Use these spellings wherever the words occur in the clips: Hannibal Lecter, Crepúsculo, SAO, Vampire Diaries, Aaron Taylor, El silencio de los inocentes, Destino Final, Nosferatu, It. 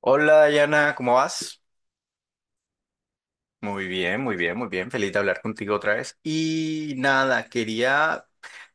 Hola Dayana, ¿cómo vas? Muy bien, muy bien, muy bien. Feliz de hablar contigo otra vez. Y nada, quería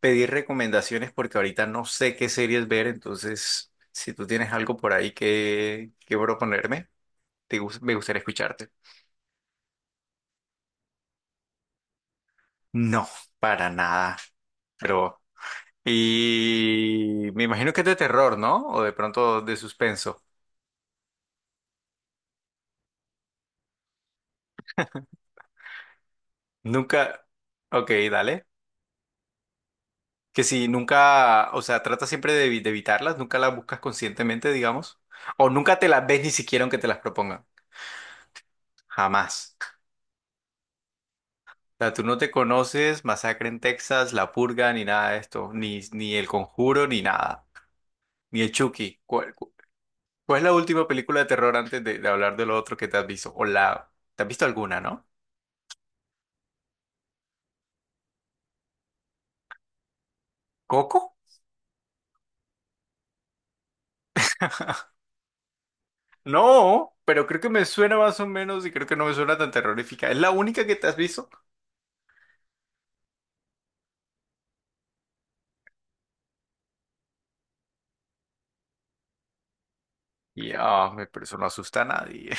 pedir recomendaciones porque ahorita no sé qué series ver, entonces si tú tienes algo por ahí que proponerme, me gustaría escucharte. No, para nada, pero... Y me imagino que es de terror, ¿no? O de pronto de suspenso. Nunca... Ok, dale. Que si nunca, o sea, trata siempre de evitarlas, nunca las buscas conscientemente, digamos, o nunca te las ves ni siquiera aunque te las propongan, jamás. O sea, tú no te conoces Masacre en Texas, La Purga, ni nada de esto, ni El Conjuro, ni nada, ni el Chucky. ¿Cuál es la última película de terror antes de hablar de lo otro que te has visto? O la, ¿te has visto alguna, no? ¿Coco? No, pero creo que me suena más o menos y creo que no me suena tan terrorífica. ¿Es la única que te has visto? Ya, pero eso no asusta a nadie.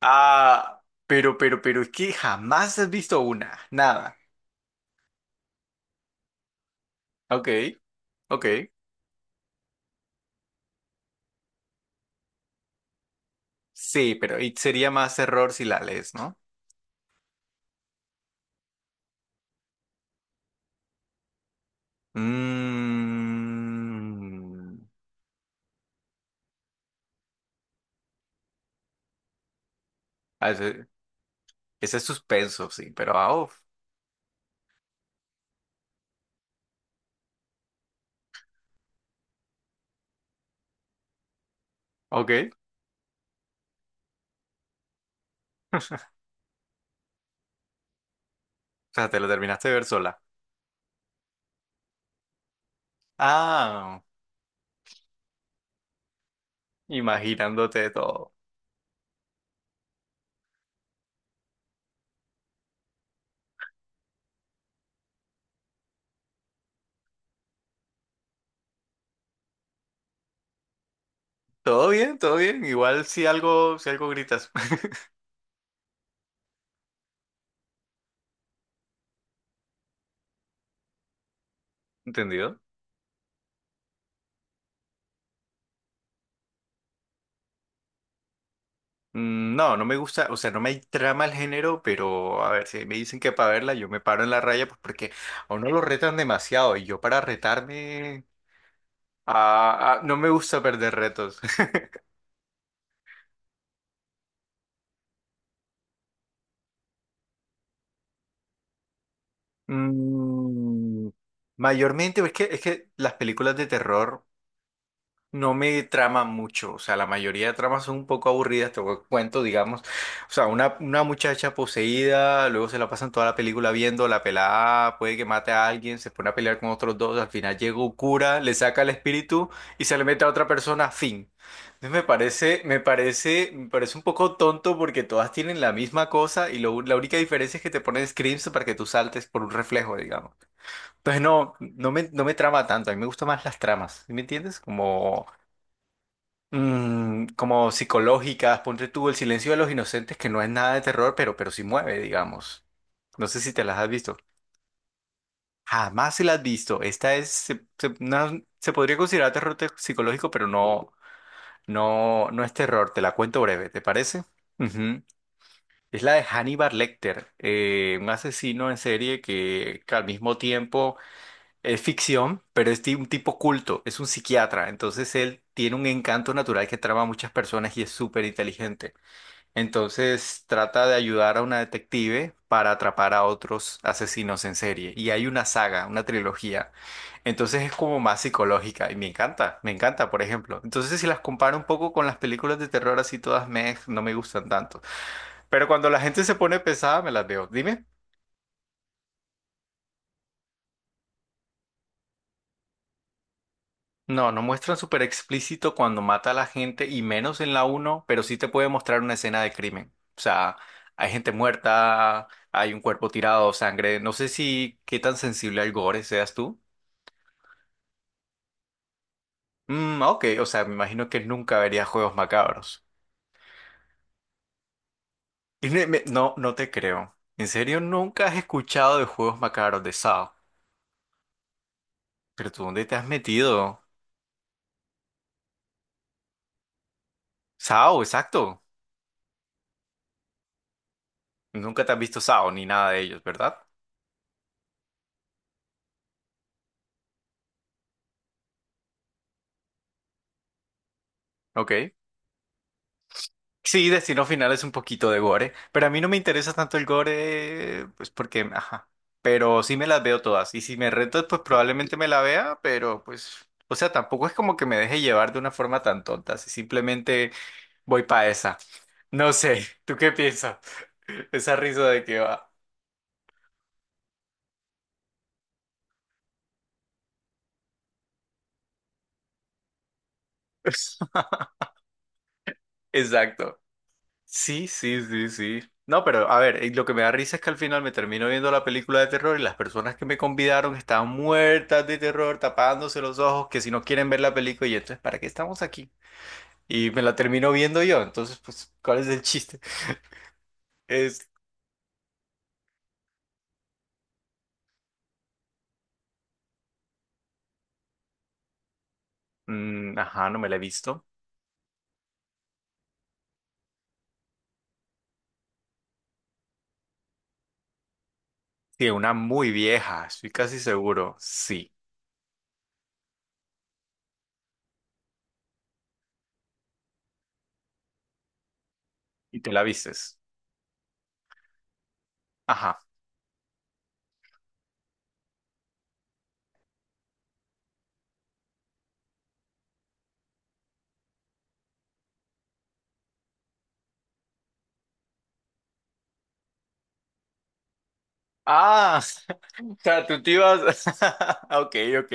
Ah, pero es que jamás has visto una, nada. Ok, ok. Sí, pero y sería más error si la lees, ¿no? Mmm. Ese, ese es suspenso, sí, pero ah, uf. Ok, o sea, te lo terminaste de ver sola. Ah, imaginándote todo. ¿Todo bien? ¿Todo bien? Igual si algo gritas. ¿Entendido? No, no me gusta, o sea, no me trama el género, pero a ver, si me dicen que para verla yo me paro en la raya, pues porque a uno lo retan demasiado y yo para retarme, no me gusta perder retos. Mm, mayormente, es que las películas de terror no me trama mucho, o sea, la mayoría de tramas son un poco aburridas, te cuento, digamos, o sea, una muchacha poseída, luego se la pasan toda la película viendo, la pelada puede que mate a alguien, se pone a pelear con otros dos, al final llega un cura, le saca el espíritu y se le mete a otra persona, fin. Entonces me parece un poco tonto porque todas tienen la misma cosa y la única diferencia es que te ponen screams para que tú saltes por un reflejo, digamos. Entonces no, no me trama tanto, a mí me gustan más las tramas, ¿sí? ¿Me entiendes? Como psicológicas, ponte tú El silencio de los inocentes, que no es nada de terror, pero sí mueve, digamos. No sé si te las has visto. Jamás si las has visto. Esta es, se podría considerar terror psicológico, pero no, no, no es terror. Te la cuento breve, ¿te parece? Ujú. Es la de Hannibal Lecter, un asesino en serie que al mismo tiempo es ficción, pero es un tipo culto, es un psiquiatra, entonces él tiene un encanto natural que trama a muchas personas y es súper inteligente. Entonces trata de ayudar a una detective para atrapar a otros asesinos en serie. Y hay una saga, una trilogía. Entonces es como más psicológica y me encanta, por ejemplo. Entonces si las comparo un poco con las películas de terror así todas meh, no me gustan tanto. Pero cuando la gente se pone pesada me las veo. Dime. No, no muestran súper explícito cuando mata a la gente y menos en la uno, pero sí te puede mostrar una escena de crimen. O sea, hay gente muerta, hay un cuerpo tirado, sangre. No sé si qué tan sensible al gore seas tú. Mm, ok, o sea, me imagino que nunca verías juegos macabros. Y no, no te creo. ¿En serio nunca has escuchado de juegos macabros de SAO? ¿Pero tú dónde te has metido? SAO, exacto. Nunca te has visto SAO ni nada de ellos, ¿verdad? Ok. Sí, Destino Final es un poquito de gore, pero a mí no me interesa tanto el gore, pues porque, ajá, pero sí me las veo todas y si me reto, pues probablemente me la vea, pero pues, o sea, tampoco es como que me deje llevar de una forma tan tonta, si simplemente voy para esa. No sé, ¿tú qué piensas? Esa risa de que va. Exacto. Sí, sí, sí, sí. No, pero a ver, lo que me da risa es que al final me termino viendo la película de terror y las personas que me convidaron estaban muertas de terror, tapándose los ojos, que si no quieren ver la película, y entonces, ¿para qué estamos aquí? Y me la termino viendo yo, entonces, pues, ¿cuál es el chiste? Es, ajá, no me la he visto. Sí, una muy vieja, estoy casi seguro, sí. ¿Y te la vistes? Ajá. Ah, o sea, tú te ibas... Ok, ok.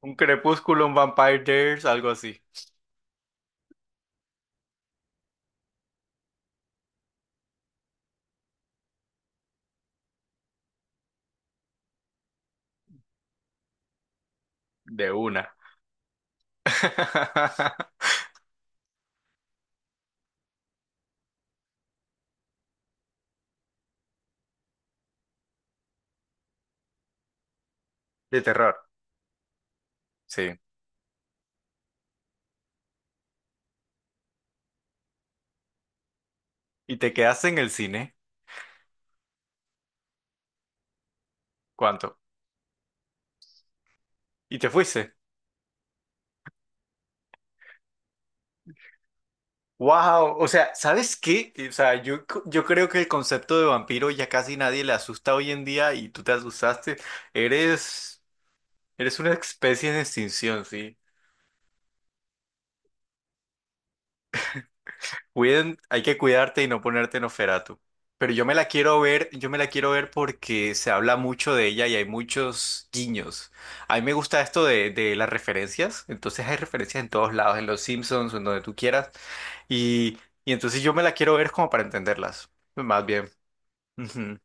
Un crepúsculo, un Vampire Diaries, algo así. De una. De terror, sí. Y te quedaste en el cine. ¿Cuánto? Y te fuiste. Wow, o sea, ¿sabes qué? O sea, yo creo que el concepto de vampiro ya casi nadie le asusta hoy en día y tú te asustaste. Eres, eres una especie en extinción, sí. Cuiden, hay que cuidarte y no ponerte en Oferatu. Pero yo me la quiero ver, yo me la quiero ver porque se habla mucho de ella y hay muchos guiños. A mí me gusta esto de las referencias. Entonces hay referencias en todos lados, en los Simpsons, en donde tú quieras. Y, y entonces yo me la quiero ver como para entenderlas. Más bien. Ujú.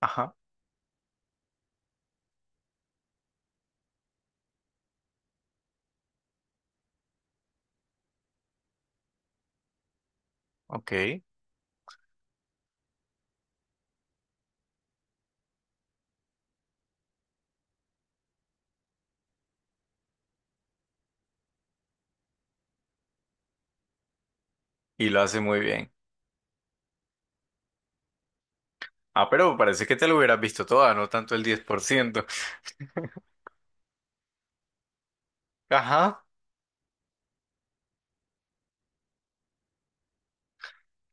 Ajá, ok. Y lo hace muy bien. Ah, pero parece que te lo hubieras visto toda, no tanto el 10%. Ajá.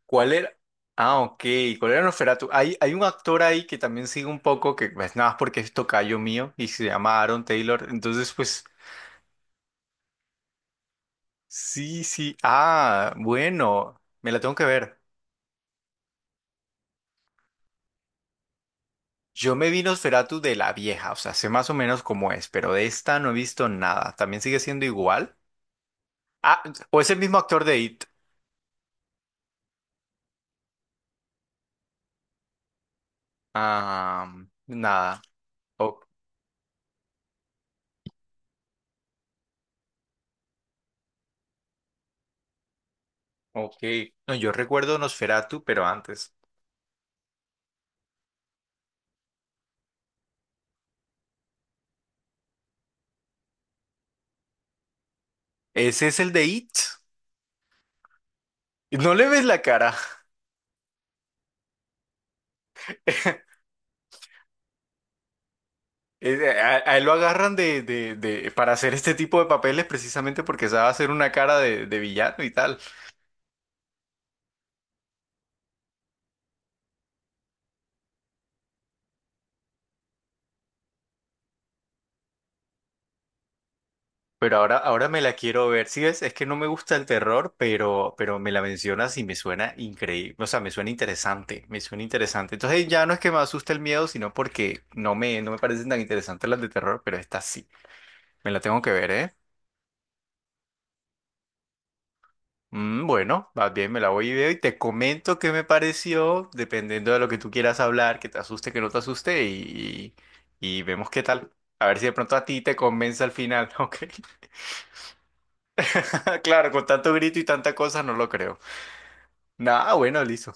¿Cuál era? Ah, ok. ¿Cuál era Nosferatu? Hay un actor ahí que también sigue un poco, que pues nada más porque es tocayo mío y se llama Aaron Taylor. Entonces, pues sí, sí. Ah, bueno, me la tengo que ver. Yo me vi Nosferatu de la vieja, o sea, sé más o menos cómo es, pero de esta no he visto nada. ¿También sigue siendo igual? Ah, o es el mismo actor de It. Ah, nada. O- ok. No, yo recuerdo Nosferatu, pero antes. ¿Ese es el de It? ¿No le ves la cara? A él lo agarran para hacer este tipo de papeles precisamente porque sabe hacer una cara de villano y tal. Pero ahora, ahora me la quiero ver. Si ves? Es que no me gusta el terror, pero me la mencionas y me suena increíble. O sea, me suena interesante. Me suena interesante. Entonces ya no es que me asuste el miedo, sino porque no me parecen tan interesantes las de terror, pero esta sí. Me la tengo que ver, ¿eh? Bueno, más bien me la voy y veo y te comento qué me pareció, dependiendo de lo que tú quieras hablar, que te asuste, que no te asuste y, vemos qué tal. A ver si de pronto a ti te convence al final, ¿ok? Claro, con tanto grito y tanta cosa no lo creo. Nada, bueno, listo.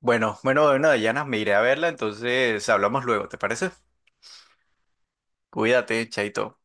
Bueno, bueno, bueno, Dayana, me iré a verla, entonces hablamos luego, ¿te parece? Cuídate, chaito.